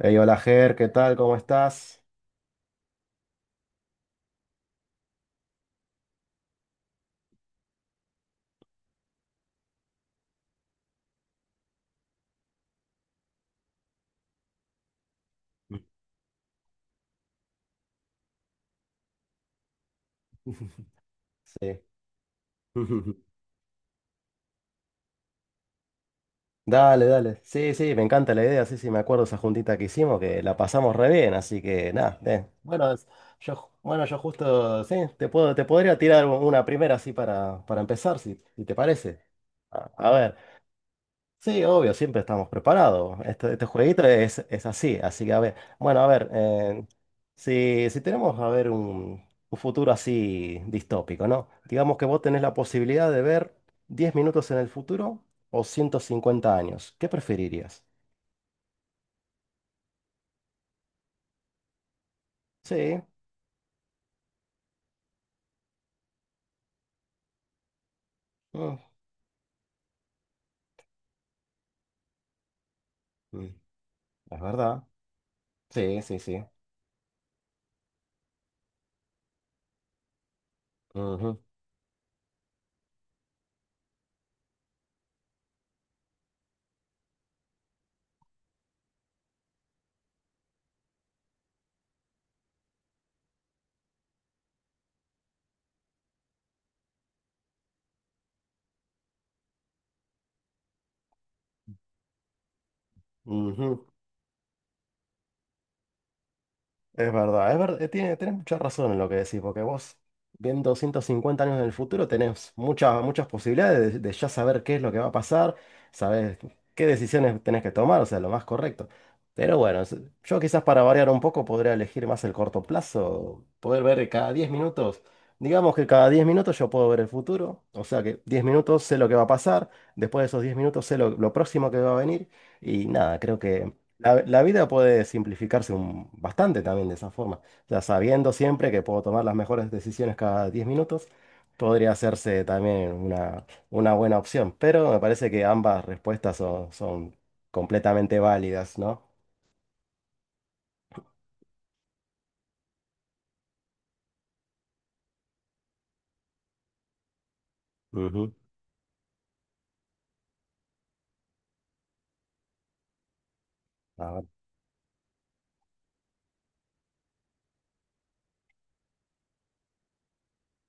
Ey, hola Ger, ¿qué tal? ¿Cómo estás? Sí. Dale, dale. Sí, sí, me encanta la idea. Sí, sí, me acuerdo esa juntita que hicimos, que la pasamos re bien, así que nada. Bueno, yo justo, sí, te podría tirar una primera así para empezar, si te parece. A ver. Sí, obvio, siempre estamos preparados. Este jueguito es así, así que a ver, bueno, a ver, si tenemos, a ver, un futuro así distópico, ¿no? Digamos que vos tenés la posibilidad de ver 10 minutos en el futuro o 150 años, ¿qué preferirías? Sí, mm, mm, es verdad, sí, sí, sí. Ujú, ujú. Es verdad, tenés mucha razón en lo que decís, porque vos, viendo 150 años en el futuro, tenés muchas posibilidades de ya saber qué es lo que va a pasar, sabés qué decisiones tenés que tomar, o sea, lo más correcto. Pero bueno, yo quizás para variar un poco podría elegir más el corto plazo, poder ver cada 10 minutos, digamos que cada 10 minutos yo puedo ver el futuro, o sea que 10 minutos sé lo que va a pasar, después de esos 10 minutos sé lo próximo que va a venir, y nada, creo que la vida puede simplificarse bastante también de esa forma. Ya sabiendo siempre que puedo tomar las mejores decisiones cada 10 minutos, podría hacerse también una buena opción. Pero me parece que ambas respuestas son completamente válidas, ¿no? Ujú. A ver,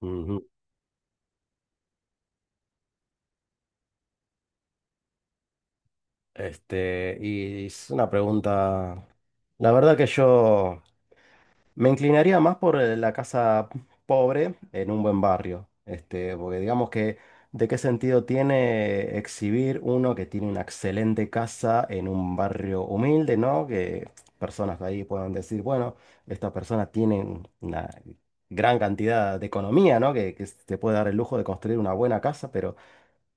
ujú. Este, y es una pregunta. La verdad que yo. Me inclinaría más por la casa pobre en un buen barrio, este, porque digamos que de qué sentido tiene exhibir uno que tiene una excelente casa en un barrio humilde, ¿no? Que personas de ahí puedan decir, bueno, estas personas tienen una gran cantidad de economía, ¿no? Que se puede dar el lujo de construir una buena casa. Pero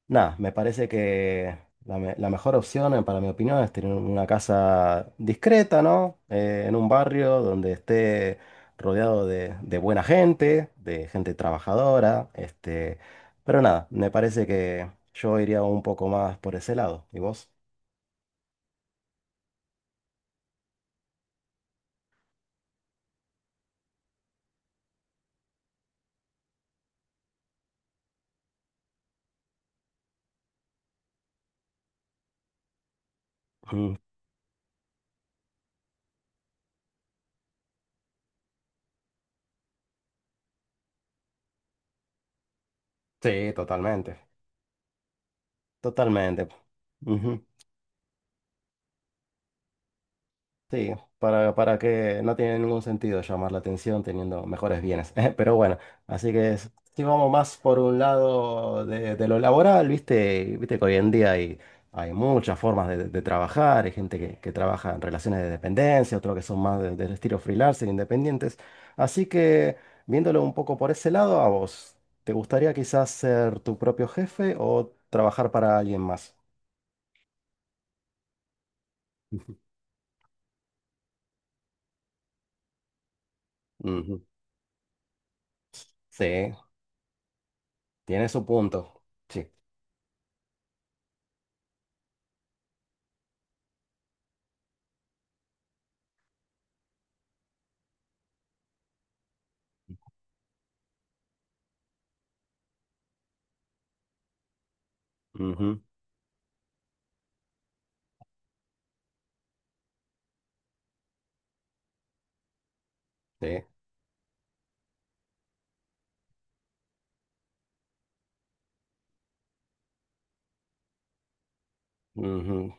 nada, me parece que la mejor opción, para mi opinión, es tener una casa discreta, ¿no? En un barrio donde esté rodeado de buena gente, de gente trabajadora, este. Pero nada, me parece que yo iría un poco más por ese lado. ¿Y vos? Ujú. Sí, totalmente. Totalmente. Ujú. Sí, para que no tiene ningún sentido llamar la atención teniendo mejores bienes. Pero bueno, así que si vamos más por un lado de lo laboral, viste que hoy en día hay muchas formas de trabajar, hay gente que trabaja en relaciones de dependencia, otros que son más del estilo freelancer, independientes. Así que viéndolo un poco por ese lado, a vos, ¿te gustaría quizás ser tu propio jefe o trabajar para alguien más? Ujú. Sí, tiene su punto. Sí. Ujú. Sí, ujú.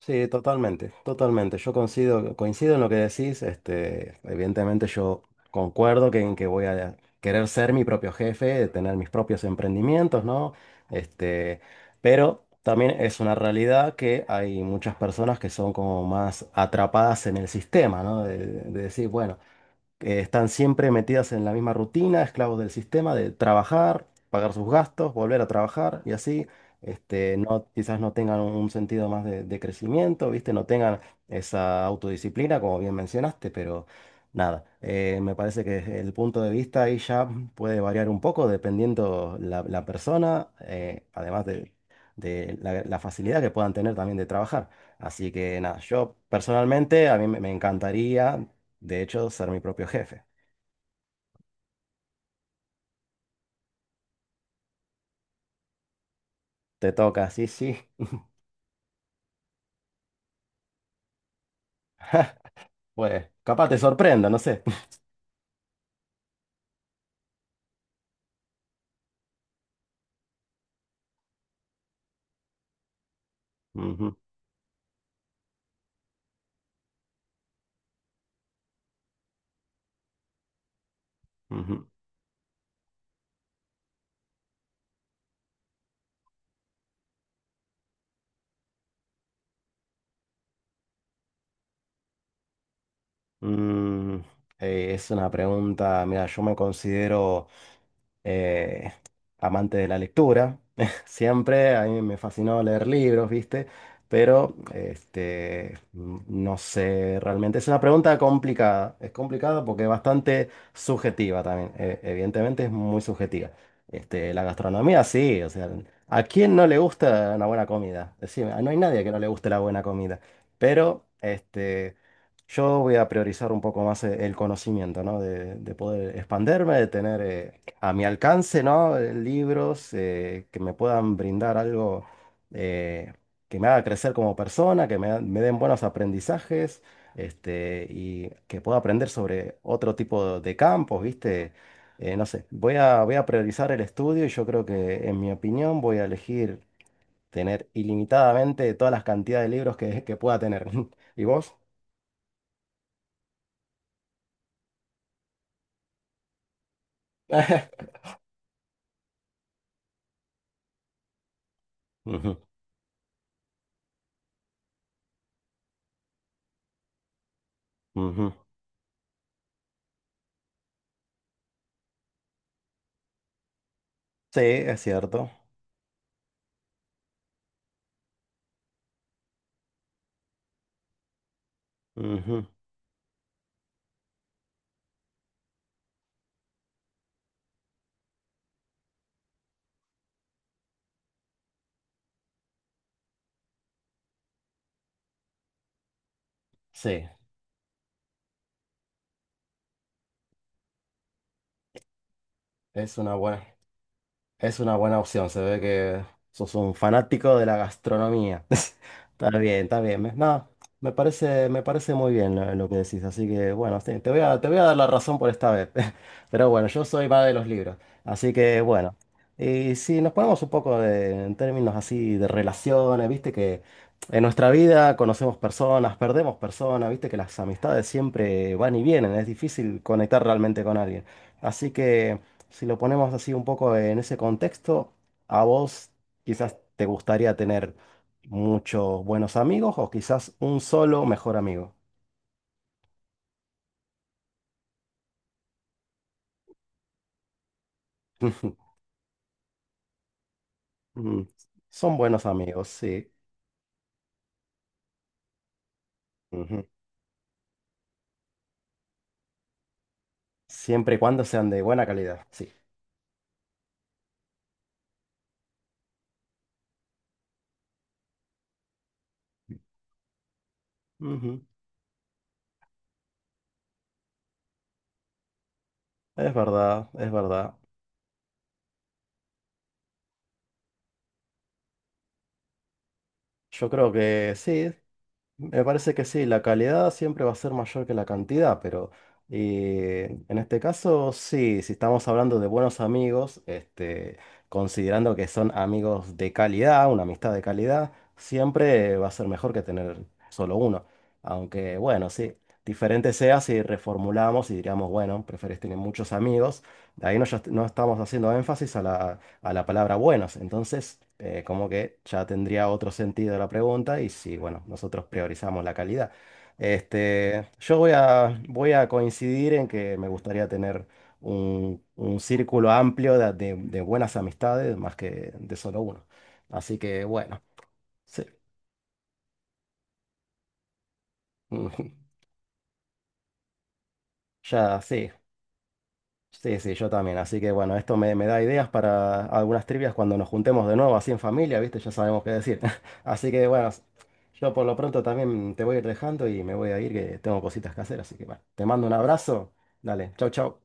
Sí, totalmente, totalmente. Yo coincido, coincido en lo que decís. Este, evidentemente yo concuerdo en que voy a querer ser mi propio jefe, tener mis propios emprendimientos, ¿no? Este, pero también es una realidad que hay muchas personas que son como más atrapadas en el sistema, ¿no? De decir, bueno, que están siempre metidas en la misma rutina, esclavos del sistema de trabajar, pagar sus gastos, volver a trabajar y así, este, no, quizás no tengan un sentido más de crecimiento, ¿viste? No tengan esa autodisciplina, como bien mencionaste, pero nada, me parece que el punto de vista ahí ya puede variar un poco dependiendo la persona, además de. De la facilidad que puedan tener también de trabajar. Así que nada, yo personalmente a mí me encantaría de hecho, ser mi propio jefe. Te toca, sí, sí. Pues, capaz te sorprenda, no sé. Ujú, ujú. Mm, es una pregunta, mira, yo me considero eh, amante de la lectura. Siempre a mí me fascinó leer libros, ¿viste? Pero este, no sé realmente. Es una pregunta complicada. Es complicada porque es bastante subjetiva también. Evidentemente es muy subjetiva. Este, la gastronomía, sí. O sea, ¿a quién no le gusta una buena comida? Decime, no hay nadie que no le guste la buena comida. Pero este. Yo voy a priorizar un poco más el conocimiento, ¿no? De poder expanderme, de tener a mi alcance, ¿no? Libros que me puedan brindar algo eh, que me haga crecer como persona, que me den buenos aprendizajes, este, y que pueda aprender sobre otro tipo de campos, ¿viste? No sé, voy a priorizar el estudio y yo creo que, en mi opinión, voy a elegir tener ilimitadamente todas las cantidades de libros que pueda tener. ¿Y vos? Ujú. Ujú. Sí, es cierto. Ujú. Sí, es una buena. Es una buena opción, se ve que sos un fanático de la gastronomía. Está bien, está bien. No, me parece muy bien lo que decís, así que bueno, sí, te voy a dar la razón por esta vez. Pero bueno, yo soy más de los libros, así que bueno. Y si nos ponemos un poco en términos así de relaciones, viste que en nuestra vida conocemos personas, perdemos personas, viste que las amistades siempre van y vienen, es difícil conectar realmente con alguien. Así que. Si lo ponemos así un poco en ese contexto, a vos quizás te gustaría tener muchos buenos amigos o quizás un solo mejor amigo. Mm, Son buenos amigos, sí. Ujú. Siempre y cuando sean de buena calidad, sí. Ujú. Es verdad, es verdad. Yo creo que sí. Me parece que sí, la calidad siempre va a ser mayor que la cantidad, pero en este caso sí, si estamos hablando de buenos amigos, este, considerando que son amigos de calidad, una amistad de calidad, siempre va a ser mejor que tener solo uno. Aunque bueno, sí, diferente sea si reformulamos y diríamos, bueno, preferís tener muchos amigos, de ahí no, ya no estamos haciendo énfasis a la palabra buenos. Entonces, como que ya tendría otro sentido la pregunta y si, bueno, nosotros priorizamos la calidad. Este, yo voy a coincidir en que me gustaría tener un círculo amplio de buenas amistades más que de solo uno. Así que, bueno, sí, ya sí. Sí, sí, yo también. Así que bueno, esto me da ideas para algunas trivias cuando nos juntemos de nuevo, así en familia, ¿viste? Ya sabemos qué decir. Así que bueno, yo por lo pronto también te voy a ir dejando y me voy a ir, que tengo cositas que hacer. Así que bueno, te mando un abrazo. Dale, chau, chau.